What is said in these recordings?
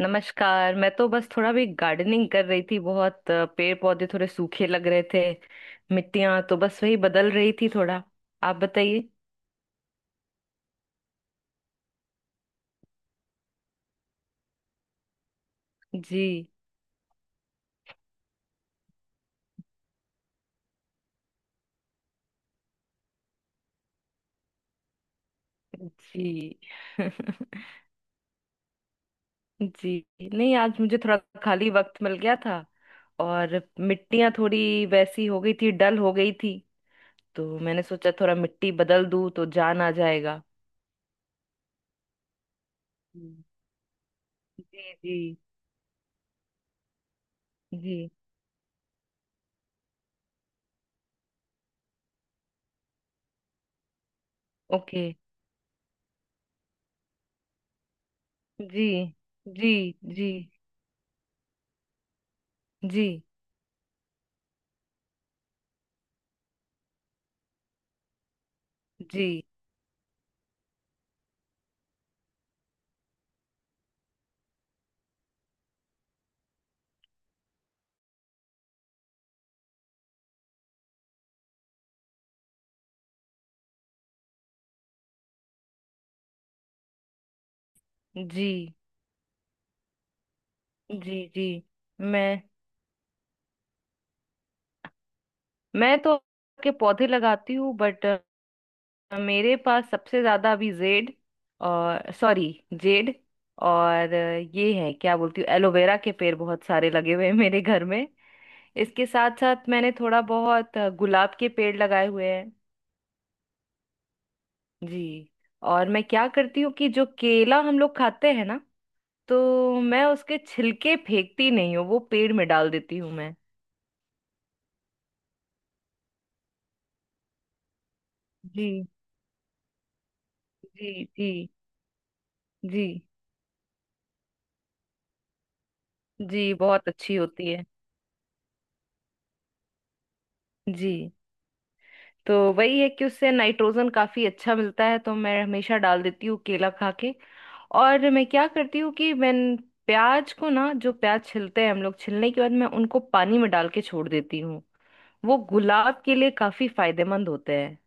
नमस्कार। मैं तो बस थोड़ा भी गार्डनिंग कर रही थी। बहुत पेड़ पौधे थोड़े सूखे लग रहे थे। मिट्टियां तो बस वही बदल रही थी थोड़ा। आप बताइए। जी। जी। जी नहीं, आज मुझे थोड़ा खाली वक्त मिल गया था। और मिट्टियां थोड़ी वैसी हो गई थी, डल हो गई थी। तो मैंने सोचा थोड़ा मिट्टी बदल दूं तो जान आ जाएगा। हम्म। जी जी। जी। ओके। जी जी। जी जी। जी। जी जी। जी। मैं मैं तो के पौधे लगाती हूँ, बट मेरे पास सबसे ज्यादा अभी जेड और सॉरी जेड और ये है क्या बोलती हूँ, एलोवेरा के पेड़ बहुत सारे लगे हुए हैं मेरे घर में। इसके साथ साथ मैंने थोड़ा बहुत गुलाब के पेड़ लगाए हुए हैं। जी। और मैं क्या करती हूँ कि जो केला हम लोग खाते हैं ना, तो मैं उसके छिलके फेंकती नहीं हूँ, वो पेड़ में डाल देती हूँ मैं। जी जी। जी। जी। जी बहुत अच्छी होती है। जी तो वही है कि उससे नाइट्रोजन काफी अच्छा मिलता है, तो मैं हमेशा डाल देती हूँ केला खा के। और मैं क्या करती हूँ कि मैं प्याज को ना, जो प्याज छिलते हैं हम लोग, छिलने के बाद मैं उनको पानी में डाल के छोड़ देती हूँ। वो गुलाब के लिए काफी फायदेमंद होते हैं।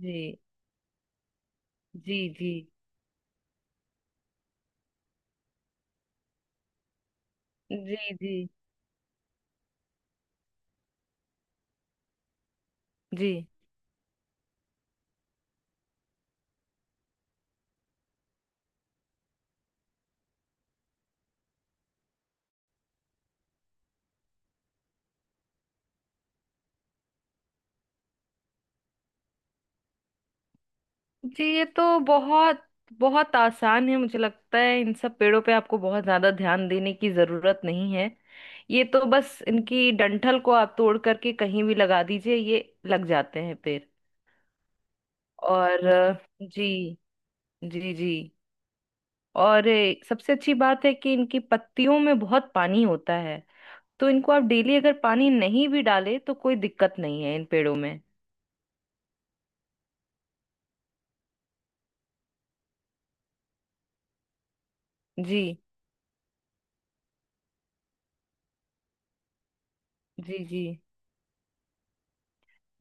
जी। जी जी। जी जी। जी। जी। ये तो बहुत बहुत आसान है, मुझे लगता है इन सब पेड़ों पे आपको बहुत ज्यादा ध्यान देने की जरूरत नहीं है। ये तो बस इनकी डंठल को आप तोड़ करके कहीं भी लगा दीजिए, ये लग जाते हैं पेड़। और जी। जी जी। और सबसे अच्छी बात है कि इनकी पत्तियों में बहुत पानी होता है। तो इनको आप डेली अगर पानी नहीं भी डाले तो कोई दिक्कत नहीं है इन पेड़ों में। जी जी। जी।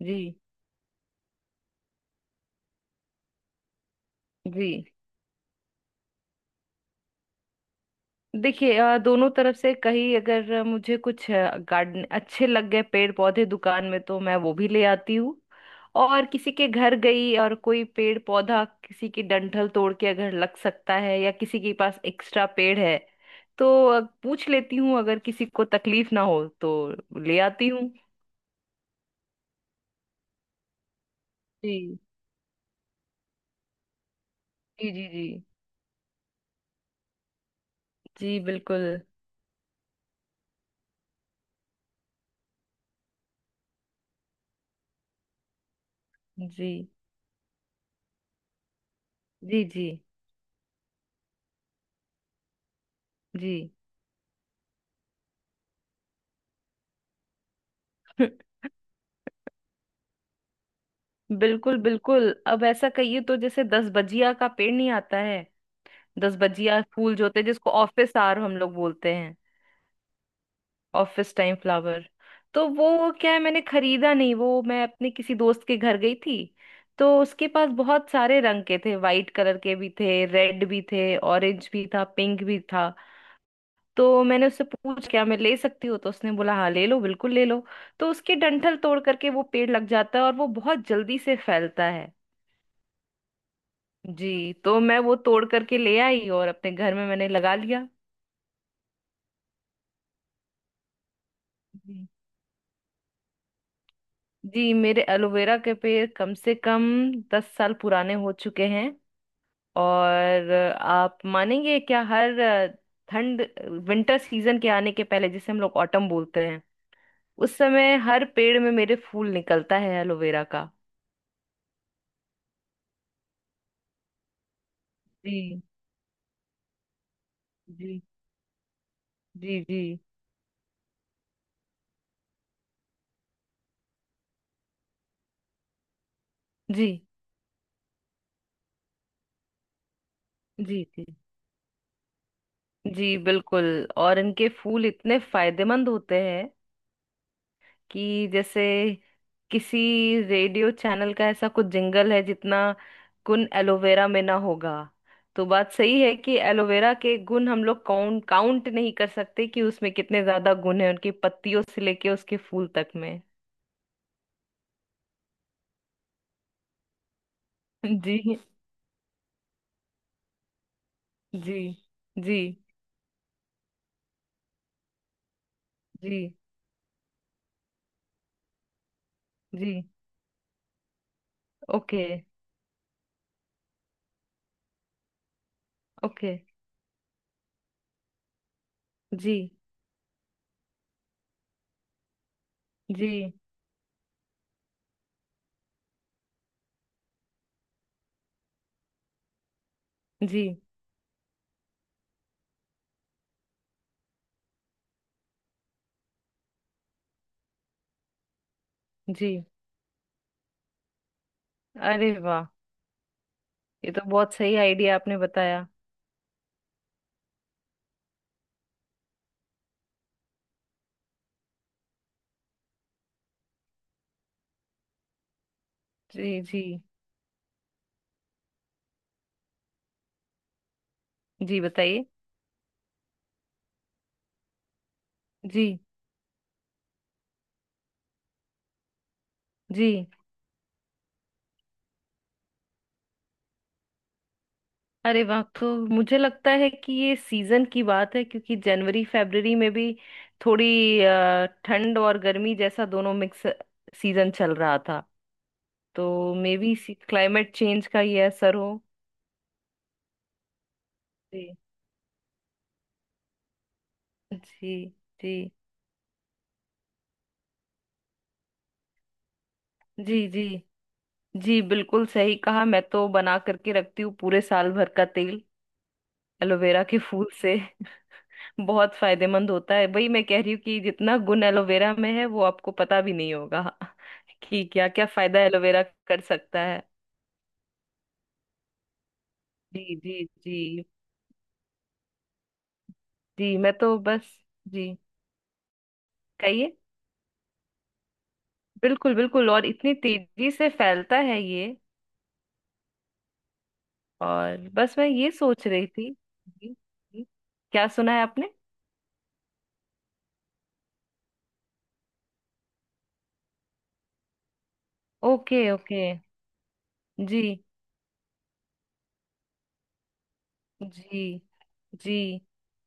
जी। जी देखिए दोनों तरफ से, कहीं अगर मुझे कुछ गार्डन अच्छे लग गए पेड़ पौधे दुकान में तो मैं वो भी ले आती हूँ। और किसी के घर गई और कोई पेड़ पौधा, किसी की डंठल तोड़ के अगर लग सकता है, या किसी के पास एक्स्ट्रा पेड़ है तो पूछ लेती हूँ अगर किसी को तकलीफ ना हो तो। ले आती हूँ। जी जी जी जी। जी बिल्कुल। जी। जी जी जी। बिल्कुल बिल्कुल। अब ऐसा कहिए तो जैसे दस बजिया का पेड़ नहीं आता है। दस बजिया फूल जो होते हैं, जिसको ऑफिस आवर हम लोग बोलते हैं। Office time flower. तो वो क्या है, मैंने खरीदा नहीं, वो मैं अपने किसी दोस्त के घर गई थी। तो उसके पास बहुत सारे रंग के थे, वाइट कलर के भी थे, रेड भी थे, ऑरेंज भी था, पिंक भी था। तो मैंने उससे पूछ क्या मैं ले सकती हूँ, तो उसने बोला हाँ ले लो बिल्कुल ले लो। तो उसके डंठल तोड़ करके वो पेड़ लग जाता है और वो बहुत जल्दी से फैलता है। जी। तो मैं वो तोड़ करके ले आई और अपने घर में मैंने लगा लिया। जी। जी मेरे एलोवेरा के पेड़ कम से कम 10 साल पुराने हो चुके हैं। और आप मानेंगे क्या, हर ठंड, विंटर सीजन के आने के पहले जिसे हम लोग ऑटम बोलते हैं, उस समय हर पेड़ में मेरे फूल निकलता है एलोवेरा का। जी। जी जी। जी। जी। जी जी जी बिल्कुल। और इनके फूल इतने फायदेमंद होते हैं कि जैसे किसी रेडियो चैनल का ऐसा कुछ जिंगल है, जितना गुण एलोवेरा में ना होगा। तो बात सही है कि एलोवेरा के गुण हम लोग काउंट काउंट नहीं कर सकते कि उसमें कितने ज्यादा गुण है उनकी पत्तियों से लेके उसके फूल तक में। जी जी। जी। जी जी। Okay okay. जी जी। जी। जी। अरे वाह, ये तो बहुत सही आइडिया आपने बताया। जी जी। जी बताइए। जी जी। अरे वाह, तो मुझे लगता है कि ये सीजन की बात है क्योंकि जनवरी फरवरी में भी थोड़ी ठंड और गर्मी जैसा दोनों मिक्स सीजन चल रहा था। तो मे बी क्लाइमेट चेंज का ये असर हो। जी। जी। जी। जी जी। जी बिल्कुल सही कहा, मैं तो बना करके रखती हूँ पूरे साल भर का तेल एलोवेरा के फूल से। बहुत फायदेमंद होता है। वही मैं कह रही हूँ कि जितना गुण एलोवेरा में है वो आपको पता भी नहीं होगा, कि क्या क्या फायदा एलोवेरा कर सकता है। जी जी जी। जी मैं तो बस। जी। कहिए। बिल्कुल बिल्कुल, और इतनी तेजी से फैलता है ये। और बस मैं ये सोच रही थी। जी, जी, क्या सुना है आपने। Okay okay. जी। जी। जी।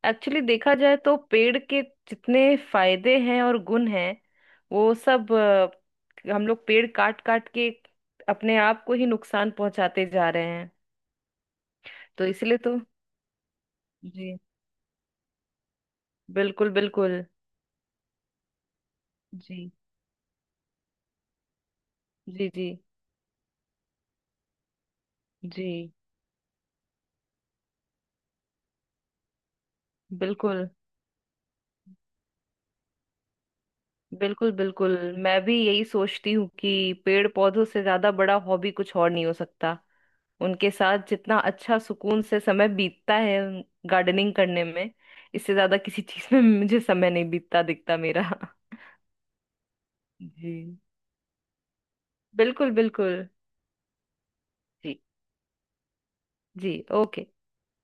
एक्चुअली देखा जाए तो पेड़ के जितने फायदे हैं और गुण हैं वो सब, हम लोग पेड़ काट काट के अपने आप को ही नुकसान पहुंचाते जा रहे हैं। तो इसलिए तो। जी बिल्कुल बिल्कुल। जी। जी। जी। जी बिल्कुल बिल्कुल बिल्कुल। मैं भी यही सोचती हूँ कि पेड़ पौधों से ज्यादा बड़ा हॉबी कुछ और नहीं हो सकता। उनके साथ जितना अच्छा सुकून से समय बीतता है गार्डनिंग करने में, इससे ज्यादा किसी चीज में मुझे समय नहीं बीतता दिखता मेरा। जी बिल्कुल बिल्कुल। जी। जी ओके।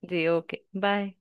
जी ओके बाय।